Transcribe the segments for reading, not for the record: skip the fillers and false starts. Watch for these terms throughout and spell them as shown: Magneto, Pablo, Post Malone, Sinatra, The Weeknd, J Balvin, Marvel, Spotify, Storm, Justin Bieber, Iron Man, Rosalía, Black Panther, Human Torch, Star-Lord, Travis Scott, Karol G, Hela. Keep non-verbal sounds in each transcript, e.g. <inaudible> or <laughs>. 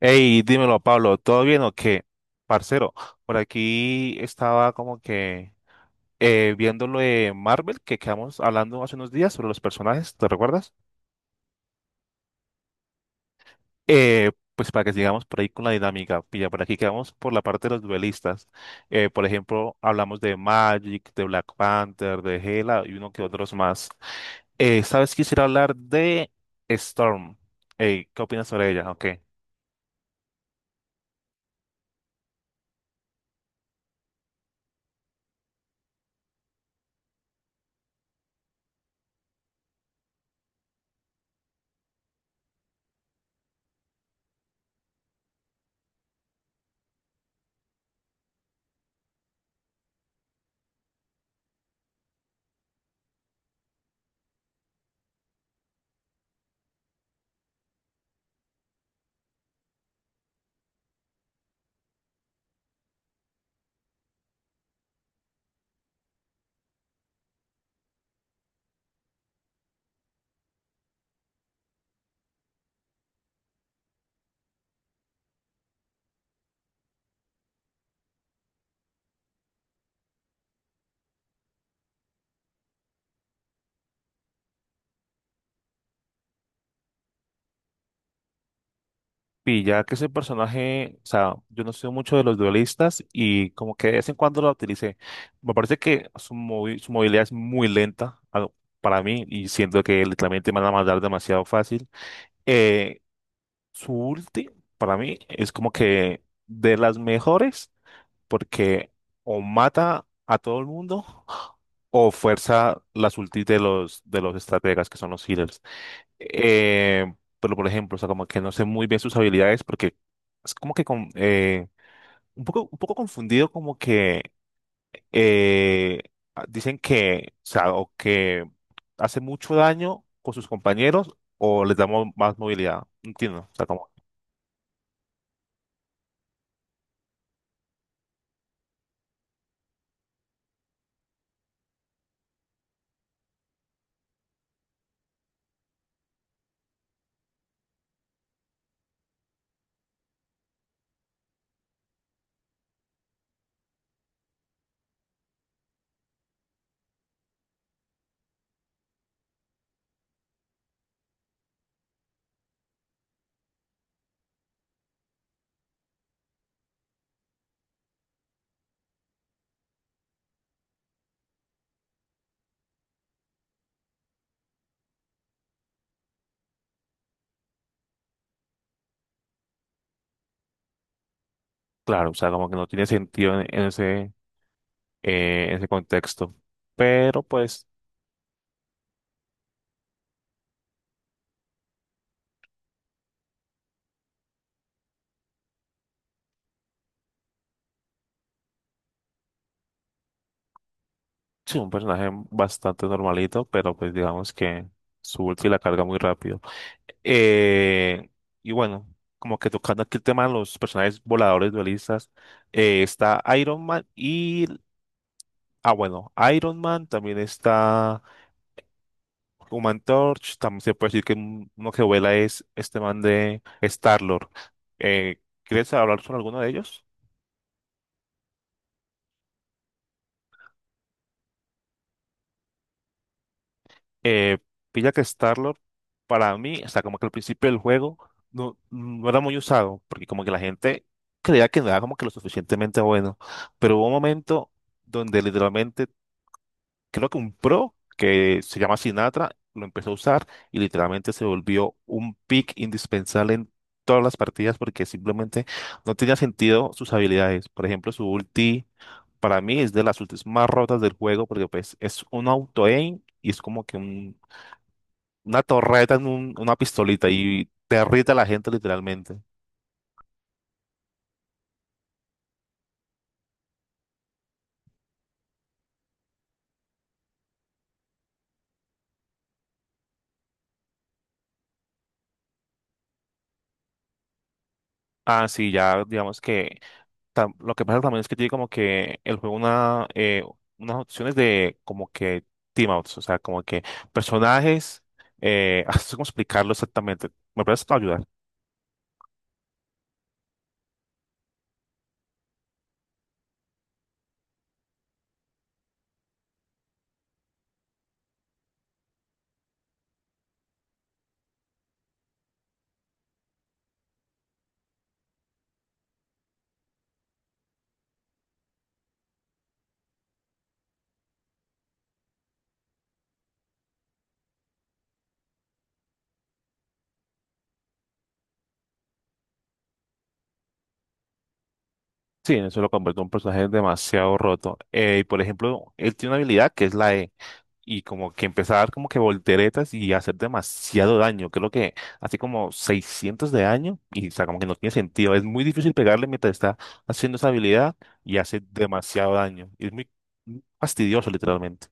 Hey, dímelo, Pablo, ¿todo bien o qué? Parcero, por aquí estaba como que viendo lo de Marvel que quedamos hablando hace unos días sobre los personajes, ¿te recuerdas? Pues para que sigamos por ahí con la dinámica, pilla, por aquí quedamos por la parte de los duelistas. Por ejemplo, hablamos de Magic, de Black Panther, de Hela y uno que otros más. ¿Sabes? Quisiera hablar de Storm. Ey, ¿qué opinas sobre ella? Ok. Y ya que ese personaje, o sea, yo no soy mucho de los duelistas y como que de vez en cuando lo utilicé. Me parece que su, su movilidad es muy lenta para mí y siento que literalmente me van a matar demasiado fácil. Eh, su ulti, para mí, es como que de las mejores porque o mata a todo el mundo o fuerza las ultis de los estrategas que son los healers. Eh, pero por ejemplo, o sea, como que no sé muy bien sus habilidades porque es como que con, un poco confundido como que eh, dicen que, o sea, o que hace mucho daño con sus compañeros o les damos más movilidad. No entiendo, o sea, como, claro, o sea, como que no tiene sentido en, en ese contexto. Pero pues, sí, un personaje bastante normalito, pero pues digamos que su ulti la carga muy rápido. Eh, y bueno, como que tocando aquí el tema de los personajes voladores dualistas, está Iron Man y, ah, bueno, Iron Man, también está Human Torch, también se puede decir que uno que vuela es este man de Star-Lord. ¿Quieres hablar sobre alguno de ellos? eh, pilla que Starlord, para mí, o sea, como que al principio del juego no, no era muy usado, porque como que la gente creía que no era como que lo suficientemente bueno, pero hubo un momento donde literalmente, creo que un pro que se llama Sinatra lo empezó a usar y literalmente se volvió un pick indispensable en todas las partidas porque simplemente no tenía sentido sus habilidades. Por ejemplo, su ulti. Para mí es de las ultis más rotas del juego porque pues es un auto-aim y es como que un una torreta en un- una pistolita y derrite a la gente literalmente. Ah, sí, ya digamos que lo que pasa también es que tiene como que el juego unas opciones de como que team outs, o sea, como que personajes, <laughs> no sé cómo explicarlo exactamente. ¿Me puedes ayudar? Sí, eso lo convierte en un personaje demasiado roto. Y por ejemplo, él tiene una habilidad que es la E. Y como que empieza a dar como que volteretas y hacer demasiado daño. Creo que hace como 600 de daño y o sea, como que no tiene sentido. Es muy difícil pegarle mientras está haciendo esa habilidad y hace demasiado daño. Y es muy muy fastidioso, literalmente.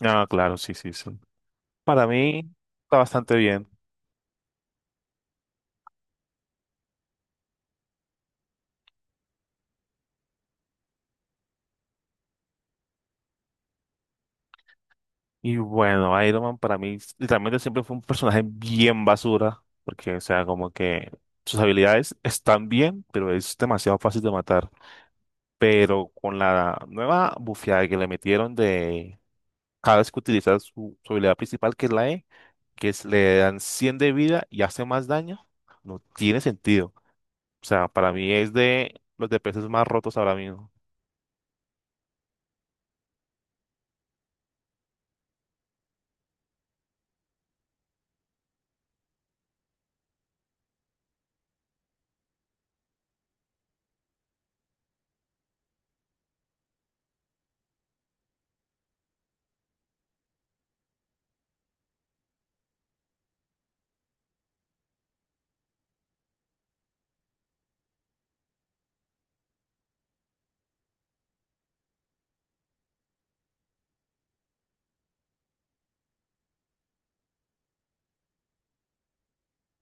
Ah, claro, sí, sí, sí. Para mí está bastante bien. Y bueno, Iron Man para mí literalmente siempre fue un personaje bien basura, porque, o sea, como que sus habilidades están bien, pero es demasiado fácil de matar. Pero con la nueva bufeada que le metieron de cada vez que utiliza su, su habilidad principal, que es la E, que es, le dan 100 de vida y hace más daño, no tiene sentido. O sea, para mí es de los DPS más rotos ahora mismo.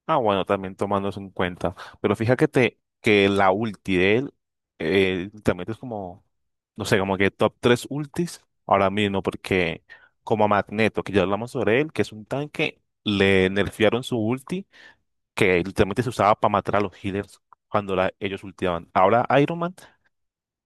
Ah, bueno, también tomando eso en cuenta. Pero fíjate que la ulti de él también es como, no sé, como que top 3 ultis ahora mismo, porque como a Magneto, que ya hablamos sobre él, que es un tanque, le nerfearon su ulti, que literalmente se usaba para matar a los healers cuando ellos ultiaban. Ahora Iron Man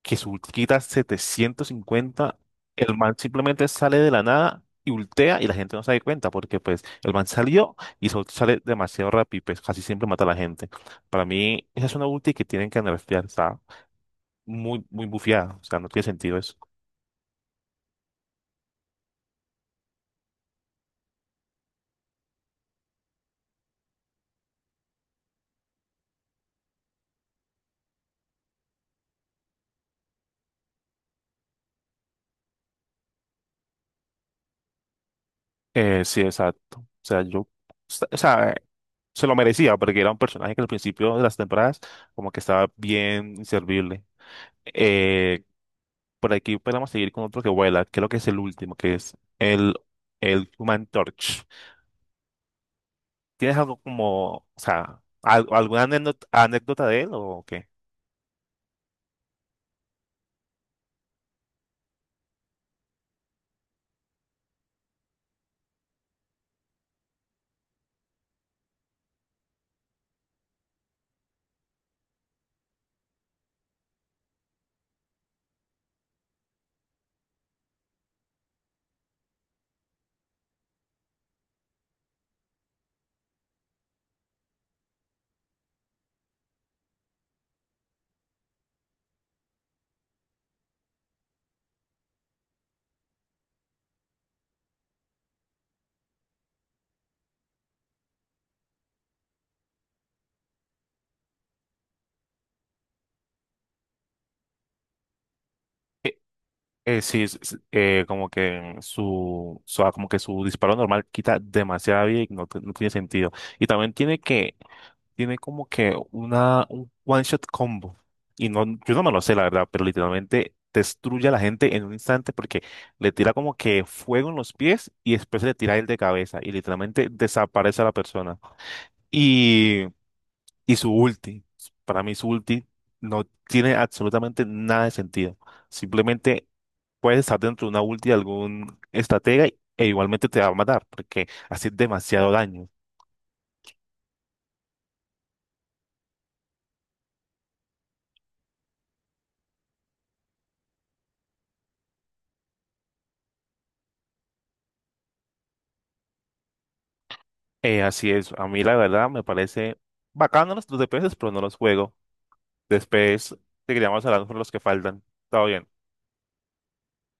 que su ulti 750, el man simplemente sale de la nada y ultea y la gente no se da cuenta porque pues el man salió y su sale demasiado rápido y pues casi siempre mata a la gente. Para mí esa es una ulti que tienen que nerfear, está muy, muy bufeada, o sea, no tiene sentido eso. Sí, exacto. O sea, yo, o sea, se lo merecía porque era un personaje que al principio de las temporadas como que estaba bien inservible. Eh, Por aquí podemos seguir con otro que vuela. Creo que es el último, que es el Human Torch. ¿Tienes algo como, o sea, alguna anécdota de él o qué? Eh, sí, como que su- ah, como que su disparo normal quita demasiada vida y no, no tiene sentido. Y también tiene que tiene como que una, un one shot combo. Y no, yo no me lo sé, la verdad, pero literalmente destruye a la gente en un instante porque le tira como que fuego en los pies y después le tira el de cabeza y literalmente desaparece a la persona. Y, y su ulti, para mí su ulti no tiene absolutamente nada de sentido. Simplemente puedes estar dentro de una ulti de algún estratega e igualmente te va a matar porque hace demasiado daño. Así es, a mí la verdad me parece bacano los DPS, pero no los juego. Después te seguiríamos hablando por los que faltan. Todo bien.